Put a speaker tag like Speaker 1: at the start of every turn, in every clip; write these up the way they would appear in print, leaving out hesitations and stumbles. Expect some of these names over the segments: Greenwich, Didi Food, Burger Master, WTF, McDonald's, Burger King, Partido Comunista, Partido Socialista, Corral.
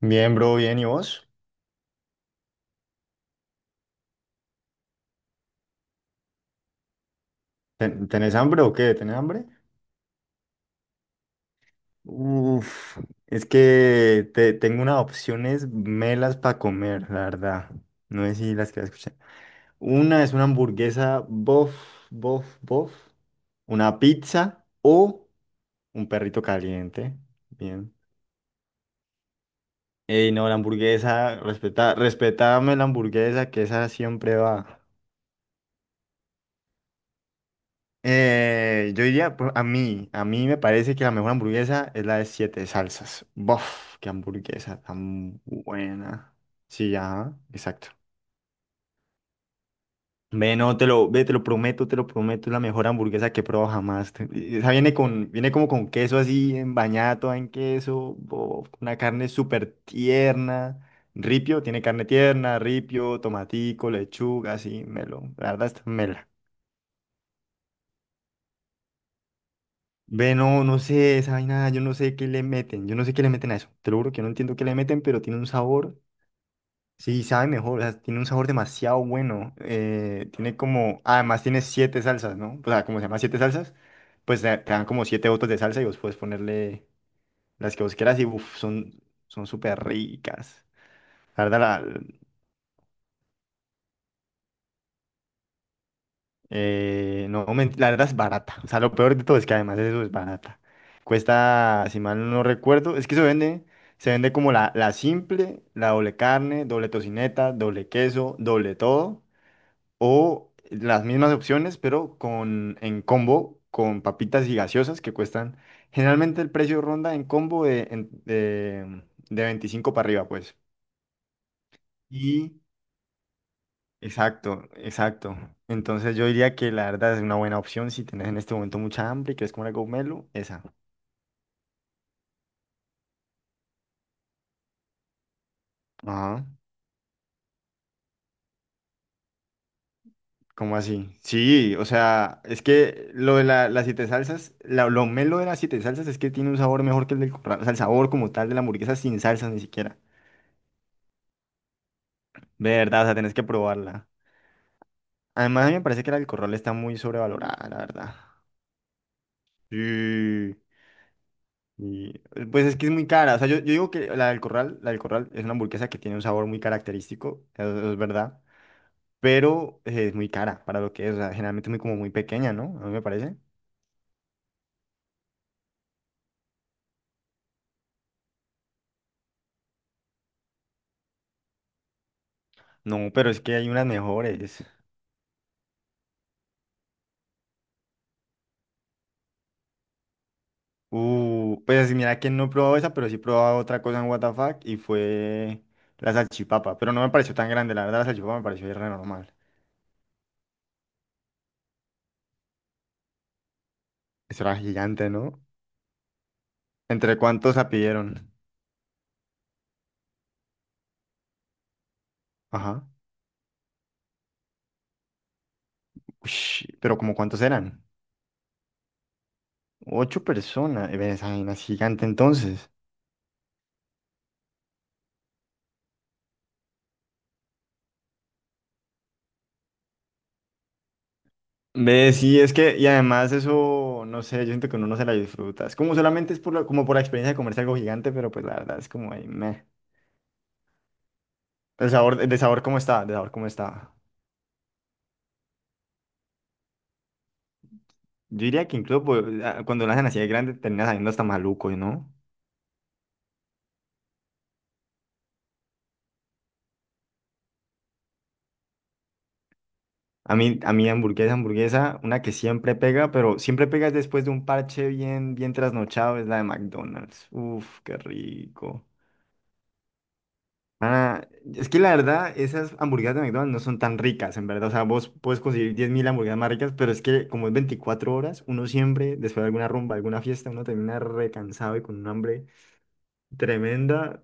Speaker 1: Bien, bro, bien. ¿Y vos? ¿Tenés hambre o qué? ¿Tenés hambre? Uf, es que tengo unas opciones melas para comer, la verdad. No sé si las quieras escuchar. Una es una hamburguesa bof, bof, bof. Una pizza o un perrito caliente. Bien. Ey, no, la hamburguesa, respetame la hamburguesa, que esa siempre va. Yo diría, pues, a mí me parece que la mejor hamburguesa es la de siete salsas. Bof, qué hamburguesa tan buena. Sí, ya, exacto. Ve, no, ve, te lo prometo, es la mejor hamburguesa que he probado jamás. Y esa viene como con queso así, en bañada toda en queso, bof, una carne súper tierna. Ripio, tiene carne tierna, ripio, tomatico, lechuga, así, melo. La verdad, está mela. Ve, no, no sé, esa vaina, yo no sé qué le meten, yo no sé qué le meten a eso. Te lo juro que no entiendo qué le meten, pero tiene un sabor, sí, sabe mejor, o sea, tiene un sabor demasiado bueno. Además tiene siete salsas, ¿no? O sea, como se llama siete salsas, pues te dan como siete botes de salsa y vos puedes ponerle las que vos quieras y uf, son súper ricas. La verdad, no, la verdad es barata. O sea, lo peor de todo es que además eso es barata. Cuesta, si mal no recuerdo, es que se vende como la simple, la doble carne, doble tocineta, doble queso, doble todo. O las mismas opciones, pero en combo con papitas y gaseosas que cuestan. Generalmente el precio ronda en combo de 25 para arriba, pues. Y exacto, exacto. Entonces yo diría que la verdad es una buena opción si tenés en este momento mucha hambre y quieres comer algo melo, esa. Ajá. ¿Cómo así? Sí, o sea, es que las siete salsas, lo melo de las siete salsas es que tiene un sabor mejor que el del corral. O sea, el sabor como tal de la hamburguesa sin salsas ni siquiera. De verdad, o sea, tenés que probarla. Además, a mí me parece que la del corral está muy sobrevalorada, la verdad. Sí. Y pues es que es muy cara. O sea, yo digo que la del Corral es una hamburguesa que tiene un sabor muy característico, eso es verdad, pero es muy cara para lo que es. O sea, generalmente es como muy pequeña, ¿no? A mí me parece. No, pero es que hay unas mejores. Pues así, mira que no he probado esa, pero sí he probado otra cosa en WTF y fue la salchipapa. Pero no me pareció tan grande, la verdad, la salchipapa me pareció re normal. Eso era gigante, ¿no? ¿Entre cuántos la pidieron? Ajá. Ush, ¿pero como cuántos eran? Ocho personas. Ve, esa vaina es gigante entonces. Ve, sí. Sí, es que, y además eso, no sé, yo siento que uno no se la disfruta. Es como solamente es como por la experiencia de comerse algo gigante, pero pues la verdad es como ahí, meh. El sabor, el de sabor cómo está, De sabor cómo está. Yo diría que incluso pues, cuando lo hacen así de grande termina saliendo hasta maluco, ¿no? A mí hamburguesa, hamburguesa, una que siempre pega, pero siempre pega es después de un parche bien, bien trasnochado, es la de McDonald's. Uf, qué rico. Ah, es que la verdad, esas hamburguesas de McDonald's no son tan ricas, en verdad. O sea, vos puedes conseguir 10.000 hamburguesas más ricas, pero es que como es 24 horas, uno siempre, después de alguna rumba, alguna fiesta, uno termina recansado y con un hambre tremenda.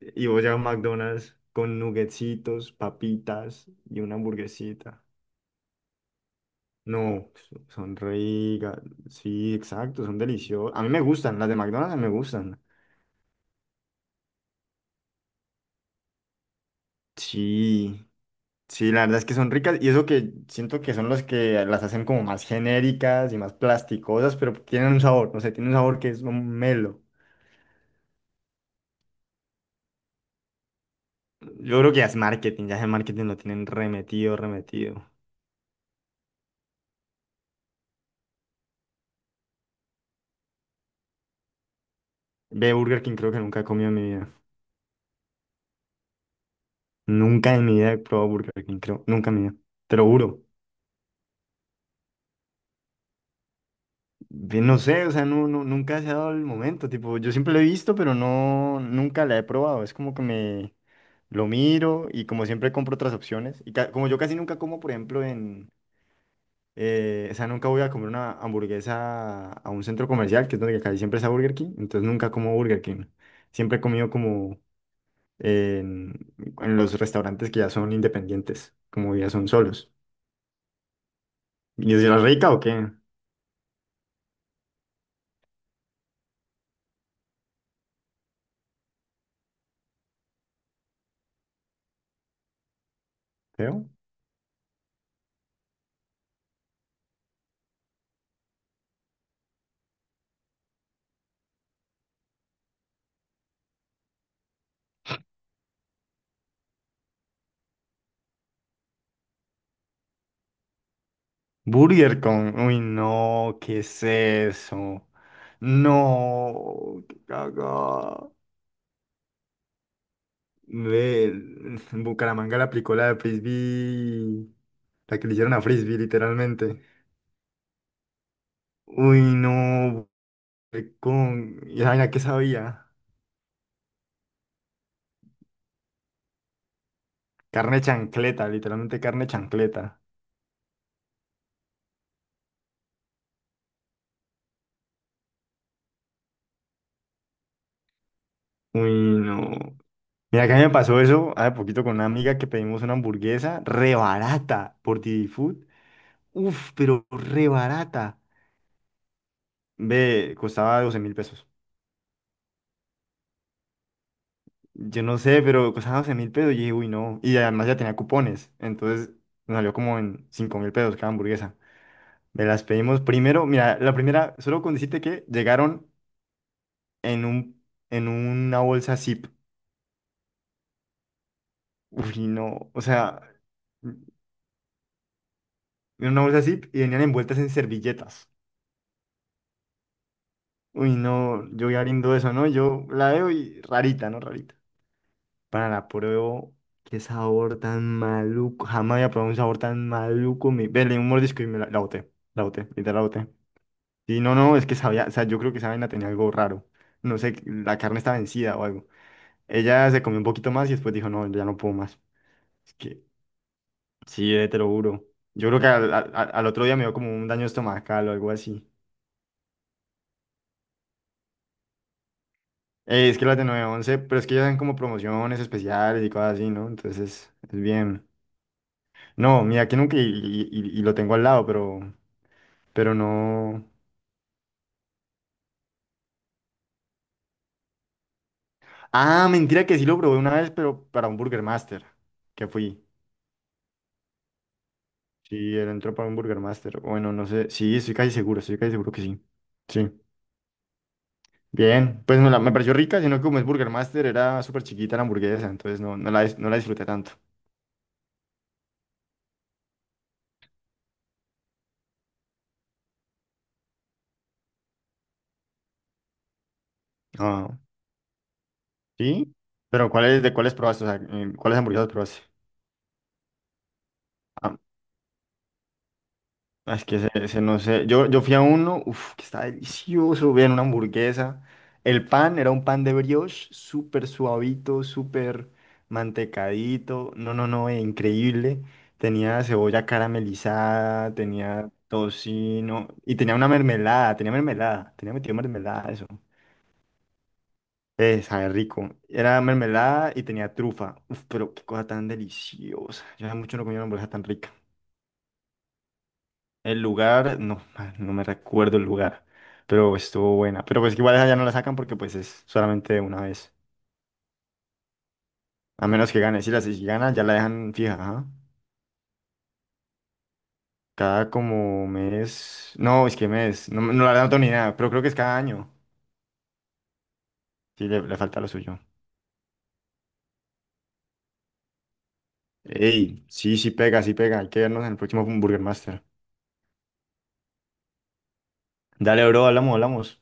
Speaker 1: Y vos llegas a McDonald's con nuggetsitos, papitas y una hamburguesita. No, son ricas. Sí, exacto, son deliciosas. A mí me gustan, las de McDonald's a mí me gustan. Sí. Sí, la verdad es que son ricas y eso que siento que son los que las hacen como más genéricas y más plasticosas, pero tienen un sabor, no sé, tienen un sabor que es un melo. Yo creo que ya es marketing lo tienen remetido, remetido. Ve, Burger King creo que nunca he comido en mi vida. Nunca en mi vida he probado Burger King, creo, nunca en mi vida. Te lo juro. Ve, no sé, o sea, nunca se ha dado el momento, tipo, yo siempre lo he visto, pero no, nunca la he probado. Es como que me lo miro y como siempre compro otras opciones. Y como yo casi nunca como, por ejemplo, en o sea, nunca voy a comer una hamburguesa a un centro comercial, que es donde casi siempre está Burger King, entonces nunca como Burger King. Siempre he comido como en, en los restaurantes que ya son independientes, como ya son solos. ¿Y es de la rica o qué? ¿Creo? Uy, no, ¿qué es eso? No, qué caga. Ve, en Bucaramanga le aplicó la de Frisbee, la que le hicieron a Frisbee, literalmente. Uy, no, ¿Y esa vaina qué sabía? Carne chancleta, literalmente carne chancleta. Uy, no. Mira, que a mí me pasó eso hace poquito con una amiga que pedimos una hamburguesa re barata por Didi Food. Uf, pero re barata. Ve, costaba 12.000 pesos. Yo no sé, pero costaba 12.000 pesos. Y dije, uy, no. Y además ya tenía cupones. Entonces nos salió como en 5.000 pesos cada hamburguesa. Me las pedimos primero. Mira, la primera, solo con decirte que llegaron en un, en una bolsa zip. Uy, no, o sea, en una bolsa zip y venían envueltas en servilletas. Uy, no, yo voy abriendo eso, ¿no? Yo la veo y rarita, ¿no? Rarita. Para la pruebo, qué sabor tan maluco. Jamás había probado un sabor tan maluco. Ve, un mordisco y me la boté. La boté, literal la boté. Y no, no, es que sabía, o sea, yo creo que esa vaina tenía algo raro. No sé, la carne está vencida o algo. Ella se comió un poquito más y después dijo, no, ya no puedo más. Es que Sí, te lo juro. Yo creo que otro día me dio como un daño estomacal o algo así. Es que las de nueve once pero es que ellas dan como promociones especiales y cosas así, ¿no? Entonces es bien. No, mira, que nunca y lo tengo al lado, pero, no. Ah, mentira que sí lo probé una vez, pero para un Burger Master, que fui. Sí, él entró para un Burger Master. Bueno, no sé. Sí, estoy casi seguro que sí. Sí. Bien, pues me pareció rica, sino que como es Burger Master, era súper chiquita la hamburguesa, entonces no la disfruté tanto. Ah, ¿sí? Pero de cuáles probaste? O sea, ¿cuáles hamburguesas probaste? Ah, es que ese no sé. Yo fui a uno, uff, que está delicioso. Vean, una hamburguesa. El pan era un pan de brioche, súper suavito, súper mantecadito. No, no, no, increíble. Tenía cebolla caramelizada, tenía tocino y tenía una mermelada, tenía metido mermelada, eso. Sabe rico. Era mermelada y tenía trufa. Uf, pero qué cosa tan deliciosa. Yo hace mucho no comía una hamburguesa tan rica. El lugar, no, no me recuerdo el lugar, pero estuvo buena. Pero pues que igual esa ya no la sacan porque pues es solamente una vez. A menos que gane. Si gana, ya la dejan fija, ajá. Cada como mes. No, es que mes. No, no la verdad no tengo ni idea, pero creo que es cada año. Sí, le falta lo suyo. Ey, sí, sí pega, sí pega. Hay que vernos en el próximo Burger Master. Dale, bro, hablamos, hablamos.